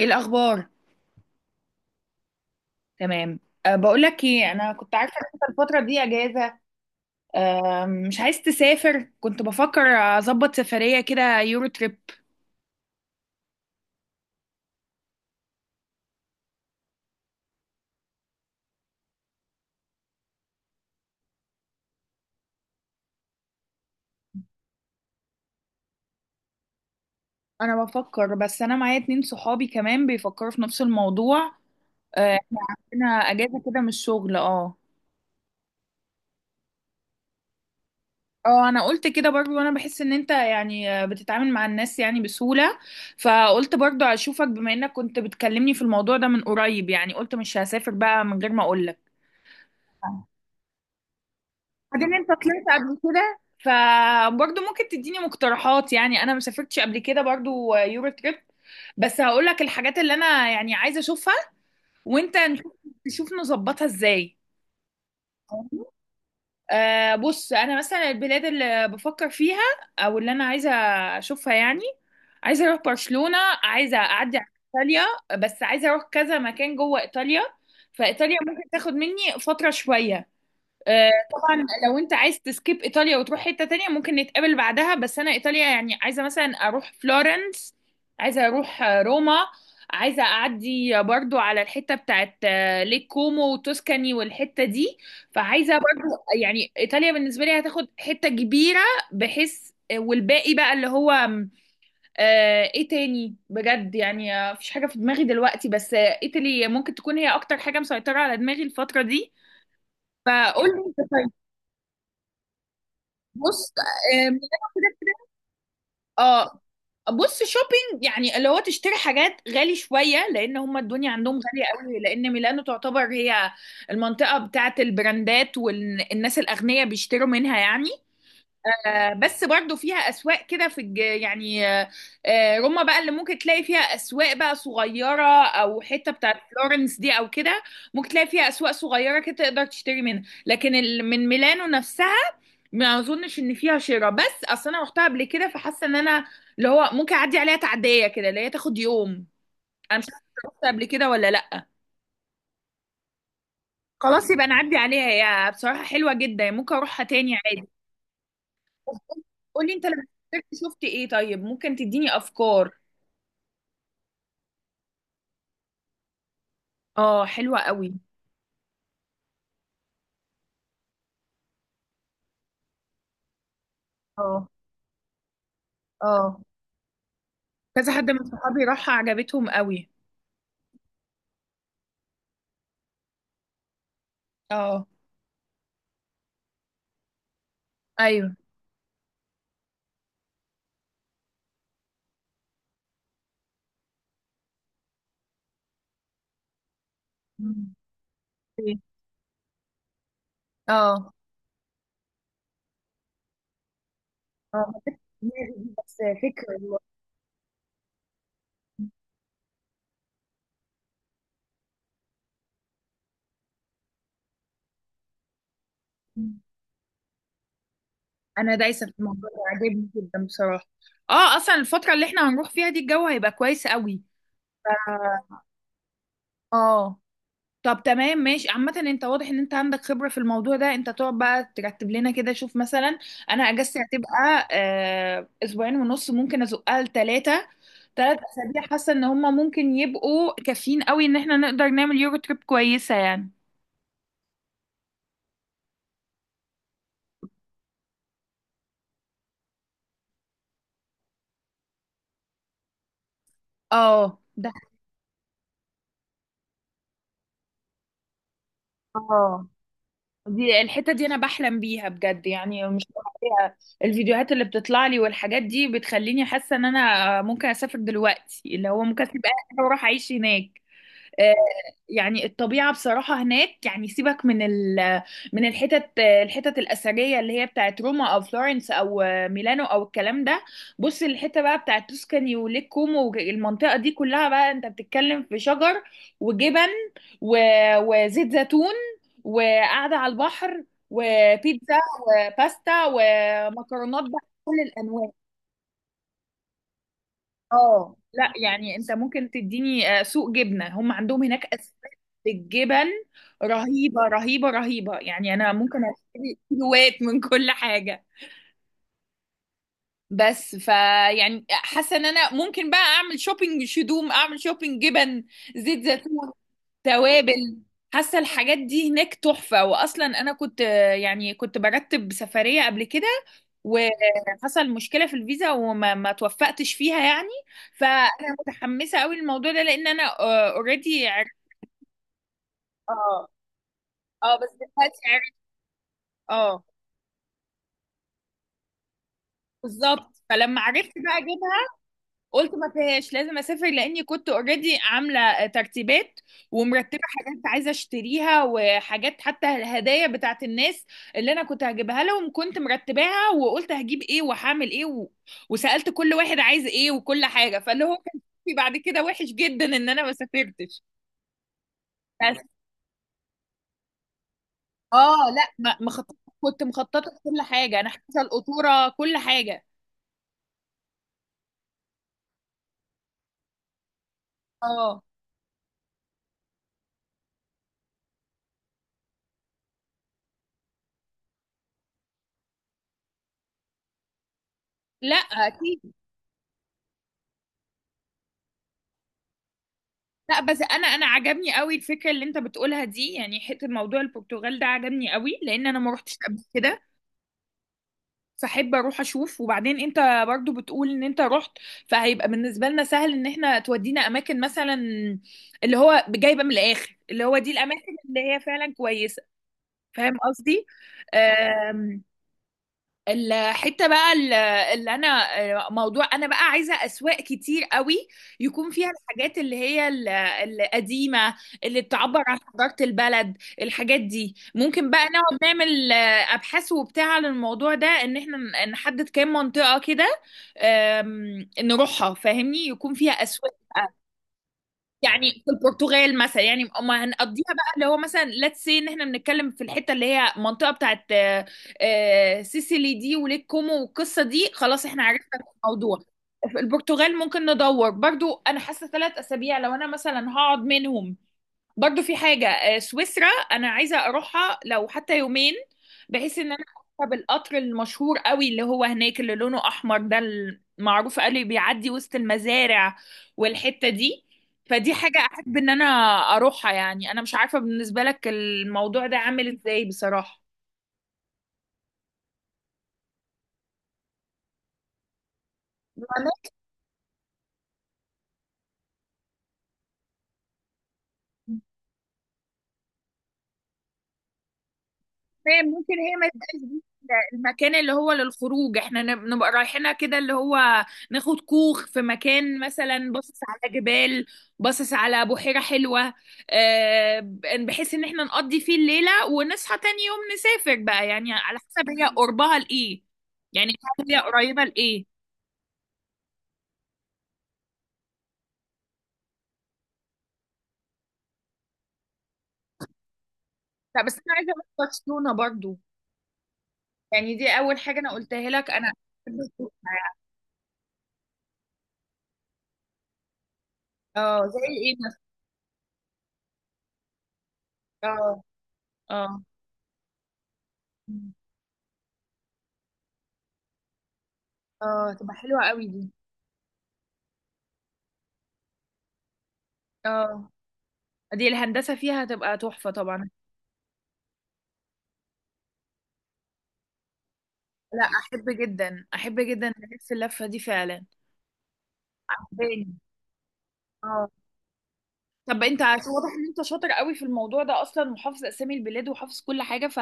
ايه الاخبار؟ تمام. أه، بقول لك ايه، انا كنت عارفه ان انت الفتره دي اجازه. أه، مش عايز تسافر؟ كنت بفكر اظبط سفريه كده، يورو تريب. انا بفكر، بس انا معايا اتنين صحابي كمان بيفكروا في نفس الموضوع. أه احنا عندنا اجازه كده من الشغل. اه، اه، انا قلت كده برضو. انا بحس ان انت يعني بتتعامل مع الناس يعني بسهوله. فقلت برضو اشوفك، بما انك كنت بتكلمني في الموضوع ده من قريب، يعني قلت مش هسافر بقى من غير ما اقول لك. بعدين انت طلعت قبل كده فبرضه ممكن تديني مقترحات، يعني انا ما سافرتش قبل كده برضه يورو تريب. بس هقول لك الحاجات اللي انا يعني عايزه اشوفها، وانت نشوف نظبطها ازاي. بص، انا مثلا البلاد اللي بفكر فيها او اللي انا عايزه اشوفها يعني، عايزه اروح برشلونه، عايزه اعدي على ايطاليا، بس عايزه اروح كذا مكان جوه ايطاليا. فايطاليا ممكن تاخد مني فتره شويه. طبعا لو انت عايز تسكيب ايطاليا وتروح حتة تانية ممكن نتقابل بعدها، بس انا ايطاليا يعني عايزة مثلا اروح فلورنس، عايزة اروح روما، عايزة اعدي برضو على الحتة بتاعت ليك كومو وتوسكاني والحتة دي. فعايزة برضو يعني ايطاليا بالنسبة لي هتاخد حتة كبيرة، بحيث والباقي بقى اللي هو ايه تاني بجد يعني، مفيش حاجة في دماغي دلوقتي، بس ايطالي ممكن تكون هي اكتر حاجة مسيطرة على دماغي الفترة دي. فقول لي. بص، من اللي أنا كده كده. اه. بص، شوبينج يعني اللي هو تشتري حاجات غالي شويه، لان هم الدنيا عندهم غاليه قوي، لان ميلانو تعتبر هي المنطقه بتاعت البراندات والناس الاغنياء بيشتروا منها يعني. بس برضو فيها اسواق كده في يعني روما بقى اللي ممكن تلاقي فيها اسواق بقى صغيره، او حته بتاعت فلورنس دي او كده، ممكن تلاقي فيها اسواق صغيره كده تقدر تشتري منها. لكن من ميلانو نفسها ما اظنش ان فيها شراء، بس اصل انا رحتها قبل كده فحاسه ان انا اللي هو ممكن اعدي عليها تعديه كده اللي هي تاخد يوم. انا مش عارفه رحت قبل كده ولا لا. خلاص يبقى نعدي عليها، هي بصراحه حلوه جدا ممكن اروحها تاني عادي. طب قولي انت، لما سافرت شفت ايه؟ طيب ممكن تديني افكار. اه، حلوة قوي. اه، اه، كذا حد من صحابي راحها عجبتهم قوي. اه. ايوه. مم؟ إيه؟ اه. اه، ما جاتش في دماغي دي، بس فكرة والله. مم. انا دايسة في الموضوع ده، عاجبني جدا بصراحة. اه، اصلا الفترة اللي احنا هنروح فيها دي الجو هيبقى كويس قوي. ف- اه. طب تمام ماشي. عامة انت واضح ان انت عندك خبرة في الموضوع ده، انت تقعد بقى ترتب لنا كده. شوف مثلا، انا اجازتي هتبقى اسبوعين ونص، ممكن ازقها لتلاتة. 3 اسابيع حاسة ان هما ممكن يبقوا كافيين قوي ان احنا نقدر نعمل يورو تريب كويسة يعني. اه ده. اه، دي الحتة دي انا بحلم بيها بجد يعني، مش طبيعية. الفيديوهات اللي بتطلع لي والحاجات دي بتخليني حاسة ان انا ممكن اسافر دلوقتي، اللي هو ممكن اسيب اهلي واروح اعيش هناك. آه، يعني الطبيعة بصراحة هناك، يعني سيبك من ال من الحتت الأثرية اللي هي بتاعت روما أو فلورنس أو ميلانو أو الكلام ده. بص الحتة بقى بتاعت توسكاني وليك كومو والمنطقة دي كلها، بقى أنت بتتكلم في شجر، وجبن، وزيت زيتون، وقعدة على البحر، وبيتزا، وباستا ومكرونات بقى كل الأنواع. اه لا يعني، انت ممكن تديني سوق جبنه. هم عندهم هناك اسماك بالجبن، رهيبه رهيبه رهيبه يعني. انا ممكن اشتري كيلوات من كل حاجه. بس فيعني حاسه ان انا ممكن بقى اعمل شوبينج، شدوم اعمل شوبينج جبن، زيت زيتون، توابل. حاسه الحاجات دي هناك تحفه، واصلا انا كنت يعني كنت برتب سفريه قبل كده وحصل مشكله في الفيزا وما ما توفقتش فيها يعني. فانا متحمسه قوي للموضوع ده لان انا اوريدي عرفت. اه، اه بس دلوقتي عرفت. اه بالظبط، فلما عرفت بقى جبت. قلت ما فيهاش، لازم اسافر لاني كنت اوريدي عامله ترتيبات، ومرتبه حاجات عايزه اشتريها، وحاجات حتى الهدايا بتاعت الناس اللي انا كنت هجيبها لهم كنت مرتباها، وقلت هجيب ايه وهعمل ايه و... وسالت كل واحد عايز ايه وكل حاجه، فاللي هو كان في بعد كده وحش جدا ان انا ما سافرتش. بس اه، لا مخططه، كنت مخططه كل حاجه انا، حاطه القطوره كل حاجه. اه لا اكيد. لا بس انا عجبني قوي الفكره اللي انت بتقولها دي، يعني حته موضوع البرتغال ده عجبني قوي لان انا ما روحتش قبل كده، فاحب اروح اشوف. وبعدين انت برضو بتقول ان انت رحت، فهيبقى بالنسبه لنا سهل ان احنا تودينا اماكن مثلا، اللي هو جايبه من الاخر اللي هو دي الاماكن اللي هي فعلا كويسه. فاهم قصدي؟ آمم. الحته بقى اللي انا، موضوع انا بقى عايزه اسواق كتير قوي يكون فيها الحاجات اللي هي القديمه اللي بتعبر عن حضاره البلد. الحاجات دي ممكن بقى نقعد نعمل ابحاث وبتاع عن الموضوع ده ان احنا نحدد كام منطقه كده، نروحها. فاهمني؟ يكون فيها اسواق يعني. في البرتغال مثلا يعني ما هنقضيها بقى، اللي هو مثلا ليتس سي، ان احنا بنتكلم في الحته اللي هي المنطقه بتاعت سيسيلي دي وليك كومو والقصه دي، خلاص احنا عرفنا الموضوع. في البرتغال ممكن ندور برضو. انا حاسه 3 اسابيع لو انا مثلا هقعد منهم، برضو في حاجة سويسرا أنا عايزة أروحها لو حتى يومين، بحيث إن أنا أركب القطر المشهور قوي اللي هو هناك، اللي لونه أحمر ده، المعروف قوي بيعدي وسط المزارع والحتة دي. فدي حاجة أحب إن أنا أروحها يعني. أنا مش عارفة بالنسبة لك الموضوع ده عامل إزاي. بصراحة فاهم ممكن هي ما تبقاش دي المكان اللي هو للخروج، احنا نبقى رايحينها كده، اللي هو ناخد كوخ في مكان مثلا باصص على جبال، باصص على بحيرة حلوة. آه، بحيث ان احنا نقضي فيه الليلة ونصحى تاني يوم نسافر بقى، يعني على حسب هي قربها لإيه يعني، هي قريبة لإيه. طب بس انا عايزة اروح برشلونة برضو، يعني دي اول حاجة انا قلتها لك. انا بحب أشوفها يعني. اه زي ايه مثلا. اه، اه، اه تبقى حلوة قوي دي. اه، دي الهندسة فيها هتبقى تحفة طبعا. لا أحب جدا، أحب جدا ألف اللفة دي فعلا. عجباني. اه، طب انت واضح ان انت شاطر قوي في الموضوع ده اصلا، وحافظ اسامي البلاد وحافظ كل حاجه ف،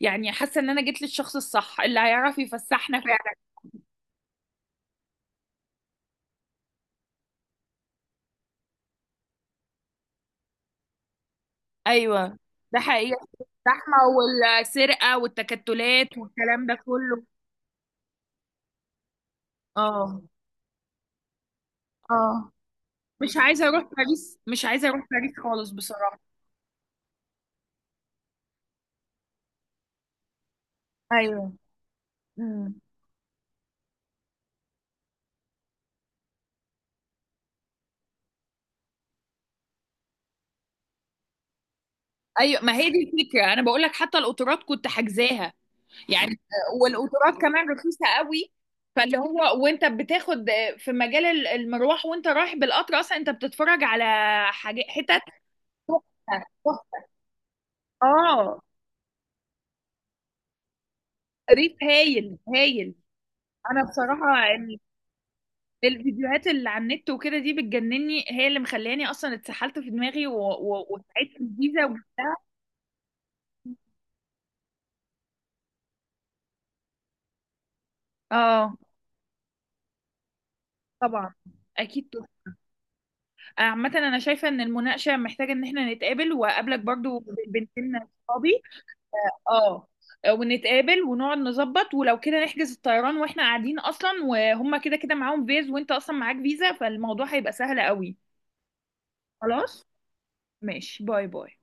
يعني حاسه ان انا جيت للشخص الصح اللي هيعرف يفسحنا فعلا. ايوه ده حقيقه، الزحمه والسرقه والتكتلات والكلام ده كله. اه، اه. مش عايزه اروح باريس، مش عايزه اروح باريس خالص بصراحه. ايوه. امم. ايوه، ما هي دي الفكره، انا بقول لك حتى القطارات كنت حاجزاها يعني. والقطارات كمان رخيصه قوي. فاللي هو وانت بتاخد في مجال المروح وانت رايح بالقطر اصلا، انت بتتفرج على حاجات حتت تحفة، تحفة. اه. ريف هايل، هايل. انا بصراحه الفيديوهات اللي على النت وكده دي بتجنني، هي اللي مخلاني اصلا اتسحلت في دماغي وسعيت في الجيزه وجبتها. اه طبعا. اكيد. عامة أنا شايفة إن المناقشة محتاجة إن إحنا نتقابل، وأقابلك برضو بنتين صحابي. أه، ونتقابل ونقعد نظبط، ولو كده نحجز الطيران وإحنا قاعدين، أصلا وهما كده كده معاهم فيز وإنت أصلا معاك فيزا، فالموضوع هيبقى سهل قوي. خلاص ماشي، باي باي